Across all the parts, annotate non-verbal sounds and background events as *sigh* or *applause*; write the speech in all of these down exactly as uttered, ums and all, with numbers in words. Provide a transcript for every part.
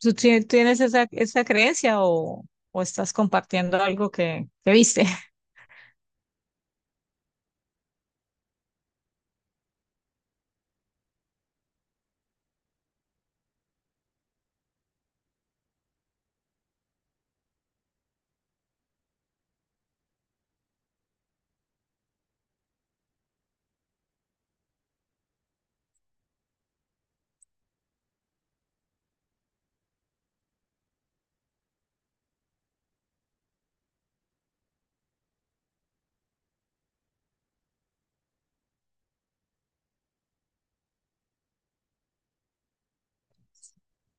¿Tú tie- tienes esa, esa creencia o, o estás compartiendo algo que, que viste? *laughs*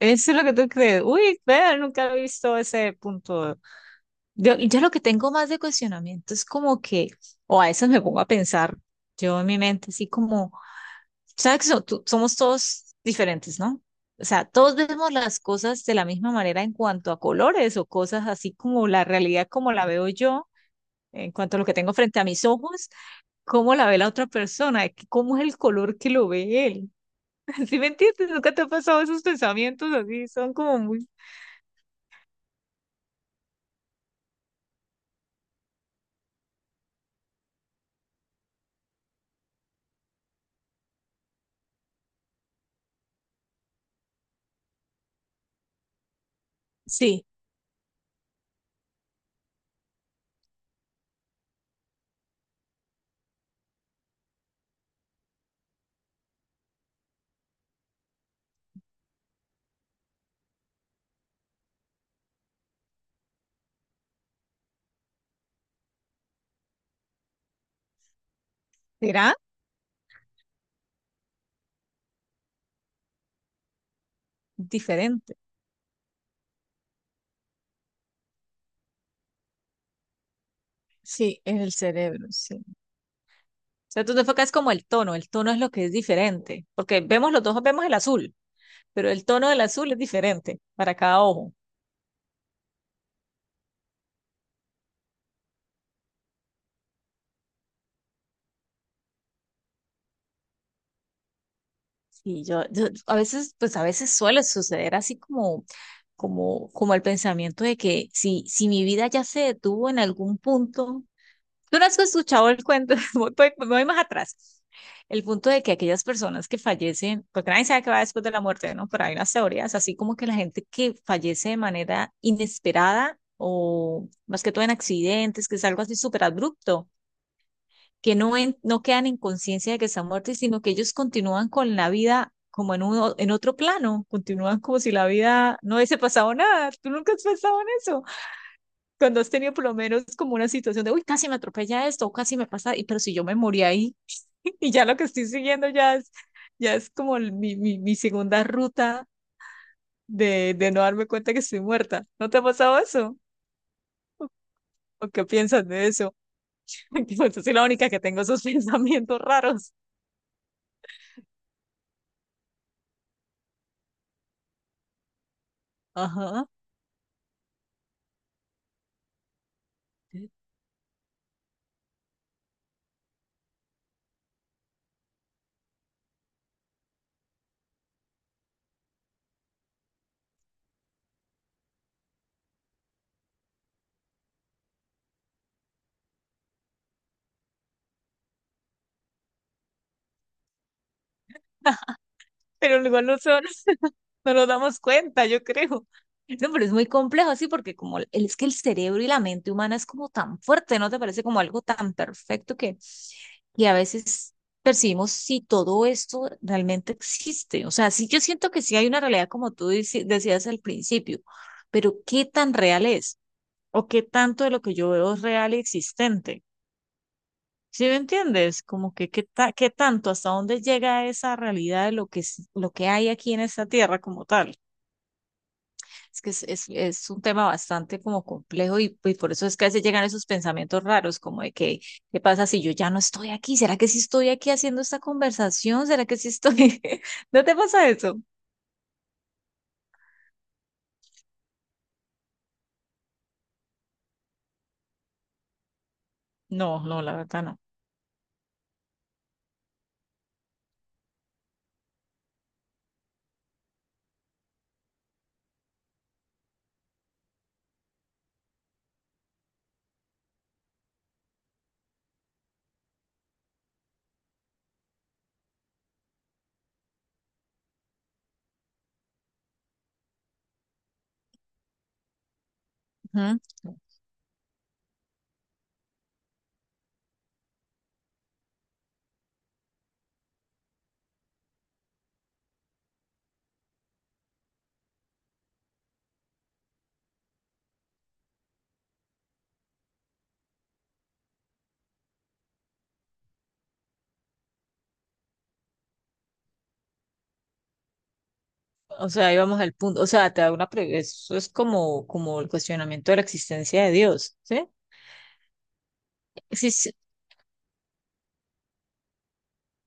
Eso es lo que tú crees. Uy, vea, nunca he visto ese punto. Yo, yo lo que tengo más de cuestionamiento es como que, o a veces me pongo a pensar, yo en mi mente, así como, ¿sabes que so- tú- somos todos diferentes, ¿no? O sea, todos vemos las cosas de la misma manera en cuanto a colores o cosas así como la realidad como la veo yo, en cuanto a lo que tengo frente a mis ojos cómo la ve la otra persona, de que cómo es el color que lo ve él. *laughs* ¿Sí me entiendes? ¿Nunca te ha pasado esos pensamientos así? Son como muy, sí, ¿será? Diferente. Sí, es el cerebro, sí. O sea, tú te enfocas como el tono, el tono es lo que es diferente, porque vemos los dos, vemos el azul, pero el tono del azul es diferente para cada ojo. Y yo, yo- a veces, pues a veces suele suceder así como, como, como el pensamiento de que si, si mi vida ya se detuvo en algún punto. Tú no has escuchado el cuento. *laughs* Voy, voy- me voy más atrás. El punto de que aquellas personas que fallecen, porque nadie sabe qué va después de la muerte, ¿no? Pero hay unas teorías, así como que la gente que fallece de manera inesperada o más que todo en accidentes, que es algo así súper abrupto, que no, en- no quedan en conciencia de que están muertos, sino que ellos continúan con la vida como en, uno, en otro plano, continúan como si la vida no hubiese pasado nada. ¿Tú nunca has pensado en eso? Cuando has tenido por lo menos como una situación de, uy, casi me atropella esto, o casi me pasa, y pero si yo me morí ahí, *laughs* y ya lo que estoy siguiendo ya es, ya es como el- mi, mi, mi segunda ruta de, de no darme cuenta que estoy muerta. ¿No te ha pasado eso? ¿O qué piensas de eso? *laughs* Yo soy la única que tengo esos *laughs* pensamientos raros. Ajá. *laughs* Pero igual no son. No nos damos cuenta, yo creo. No, pero es muy complejo, sí, porque como el- es que el cerebro y la mente humana es como tan fuerte, ¿no te parece como algo tan perfecto que, que a veces percibimos si todo esto realmente existe? O sea, sí, yo siento que sí hay una realidad como tú dici- decías al principio, pero ¿qué tan real es? ¿O qué tanto de lo que yo veo es real y existente? ¿Sí me entiendes? Como que qué, ta- qué tanto, hasta dónde llega esa realidad de lo que, es- lo que hay aquí en esta tierra como tal. Es que es, es, es un tema bastante como complejo y, y por eso es que a veces llegan esos pensamientos raros, como de que, ¿qué pasa si yo ya no estoy aquí? ¿Será que sí estoy aquí haciendo esta conversación? ¿Será que sí estoy? *laughs* ¿No te pasa eso? No, no, la verdad no. Ujú. O sea, ahí vamos al punto. O sea, te da una pre- eso es como, como el cuestionamiento de la existencia de Dios, ¿sí? Sí, sí,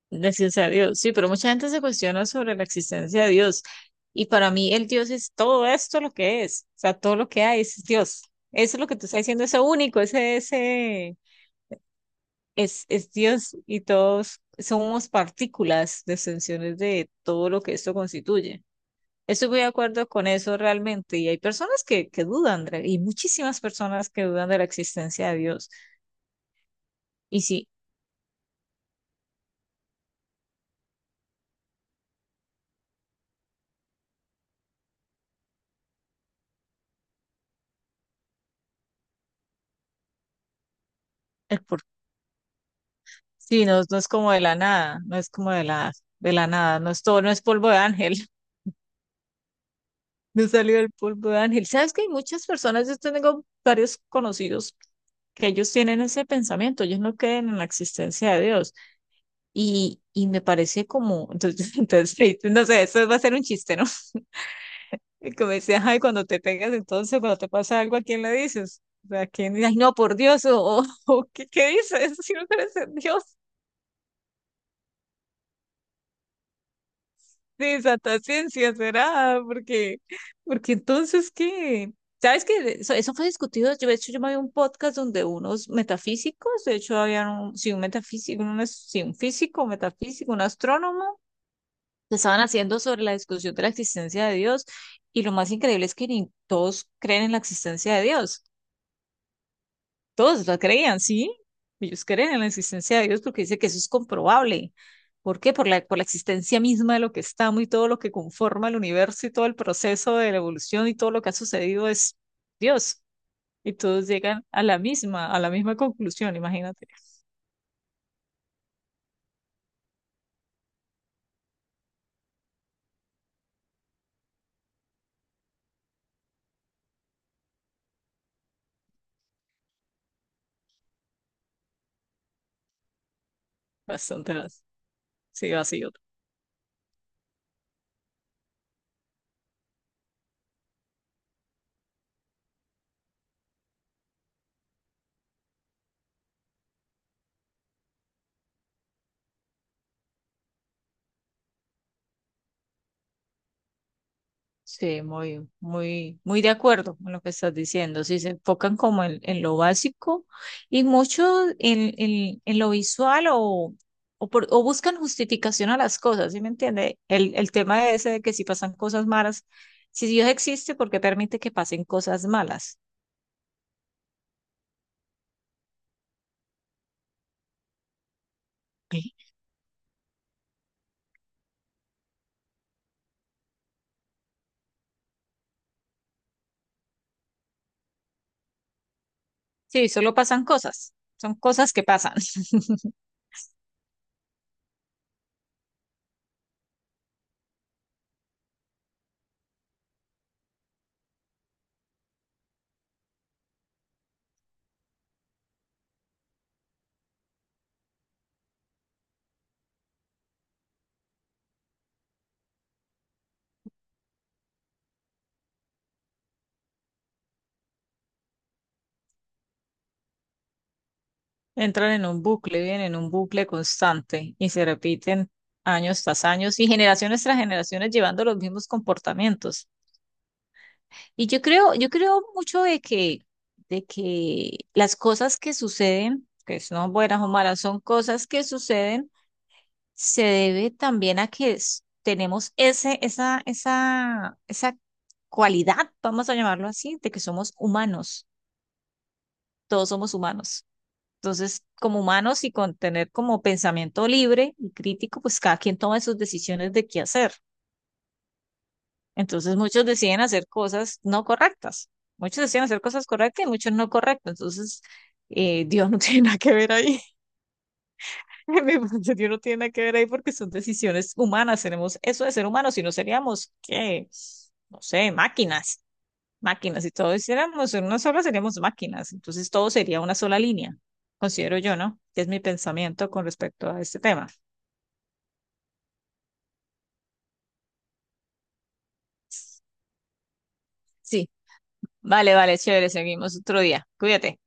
gracias a Dios. Sí, pero mucha gente se cuestiona sobre la existencia de Dios. Y para mí el Dios es todo esto lo que es. O sea, todo lo que hay es Dios. Eso es lo que tú estás diciendo, ese único, ese, ese es, es Dios y todos somos partículas, extensiones de todo lo que esto constituye. Estoy muy de acuerdo con eso realmente. Y hay personas que, que dudan, Andrea, y muchísimas personas que dudan de la existencia de Dios. Y sí, el porqué sí, no, no es como de la nada, no es como de la, de la nada, no es todo, no es polvo de ángel, *laughs* no salió del polvo de ángel. ¿Sabes que hay muchas personas, yo tengo varios conocidos que ellos tienen ese pensamiento, ellos no creen en la existencia de Dios. Y, y me parece como, entonces, *laughs* entonces, sí, no sé, eso va a ser un chiste, ¿no? *laughs* Y como decía, ay, cuando te pegas, entonces, cuando te pasa algo, ¿a quién le dices? O sea, ¿a quién? Ay, no, por Dios, o, o, o, ¿qué, qué dices? *laughs* Si no crees en Dios. Sí, Santa Ciencia, ¿será? Porque, porque entonces, ¿qué? ¿Sabes que Eso, eso fue discutido? Yo, de hecho, yo me vi un podcast donde unos metafísicos, de hecho, había un, sí, un metafísico, un, es- sí, un físico, un metafísico, un astrónomo, que estaban haciendo sobre la discusión de la existencia de Dios. Y lo más increíble es que ni todos creen en la existencia de Dios. Todos la creían, sí. Ellos creen en la existencia de Dios porque dice que eso es comprobable. ¿Por qué? Por la, por la existencia misma de lo que estamos y todo lo que conforma el universo y todo el proceso de la evolución y todo lo que ha sucedido es Dios. Y todos llegan a la misma, a la misma conclusión, imagínate. Bastante, vas- sí, vacío. Sí, muy, muy, muy de acuerdo con lo que estás diciendo. Sí, se enfocan como en, en lo básico y mucho en, en, en lo visual o, o, por- o buscan justificación a las cosas, ¿sí me entiende? El, el tema ese de que si pasan cosas malas, si Dios existe, ¿por qué permite que pasen cosas malas? Sí, solo pasan cosas, son cosas que pasan. *laughs* Entran en un bucle, viven en un bucle constante y se repiten años tras años y generaciones tras generaciones llevando los mismos comportamientos. Y yo creo, yo creo mucho de que, de que las cosas que suceden, que son buenas o malas, son cosas que suceden, se debe también a que es- tenemos ese, esa, esa, esa cualidad, vamos a llamarlo así, de que somos humanos, todos somos humanos. Entonces, como humanos y con tener como pensamiento libre y crítico, pues cada quien toma sus decisiones de qué hacer. Entonces muchos deciden hacer cosas no correctas. Muchos deciden hacer cosas correctas y muchos no correctas. Entonces, eh, Dios no *laughs* tiene nada que ver ahí. *laughs* En mi punto, Dios no tiene nada que ver ahí porque son decisiones humanas. Tenemos eso de ser humanos, si no seríamos, ¿qué? No sé, máquinas. Máquinas. Si todos hiciéramos en una sola, seríamos máquinas. Entonces todo sería una sola línea, considero yo, ¿no? Es mi pensamiento con respecto a este tema. Sí. Vale, vale, chévere. Seguimos otro día. Cuídate.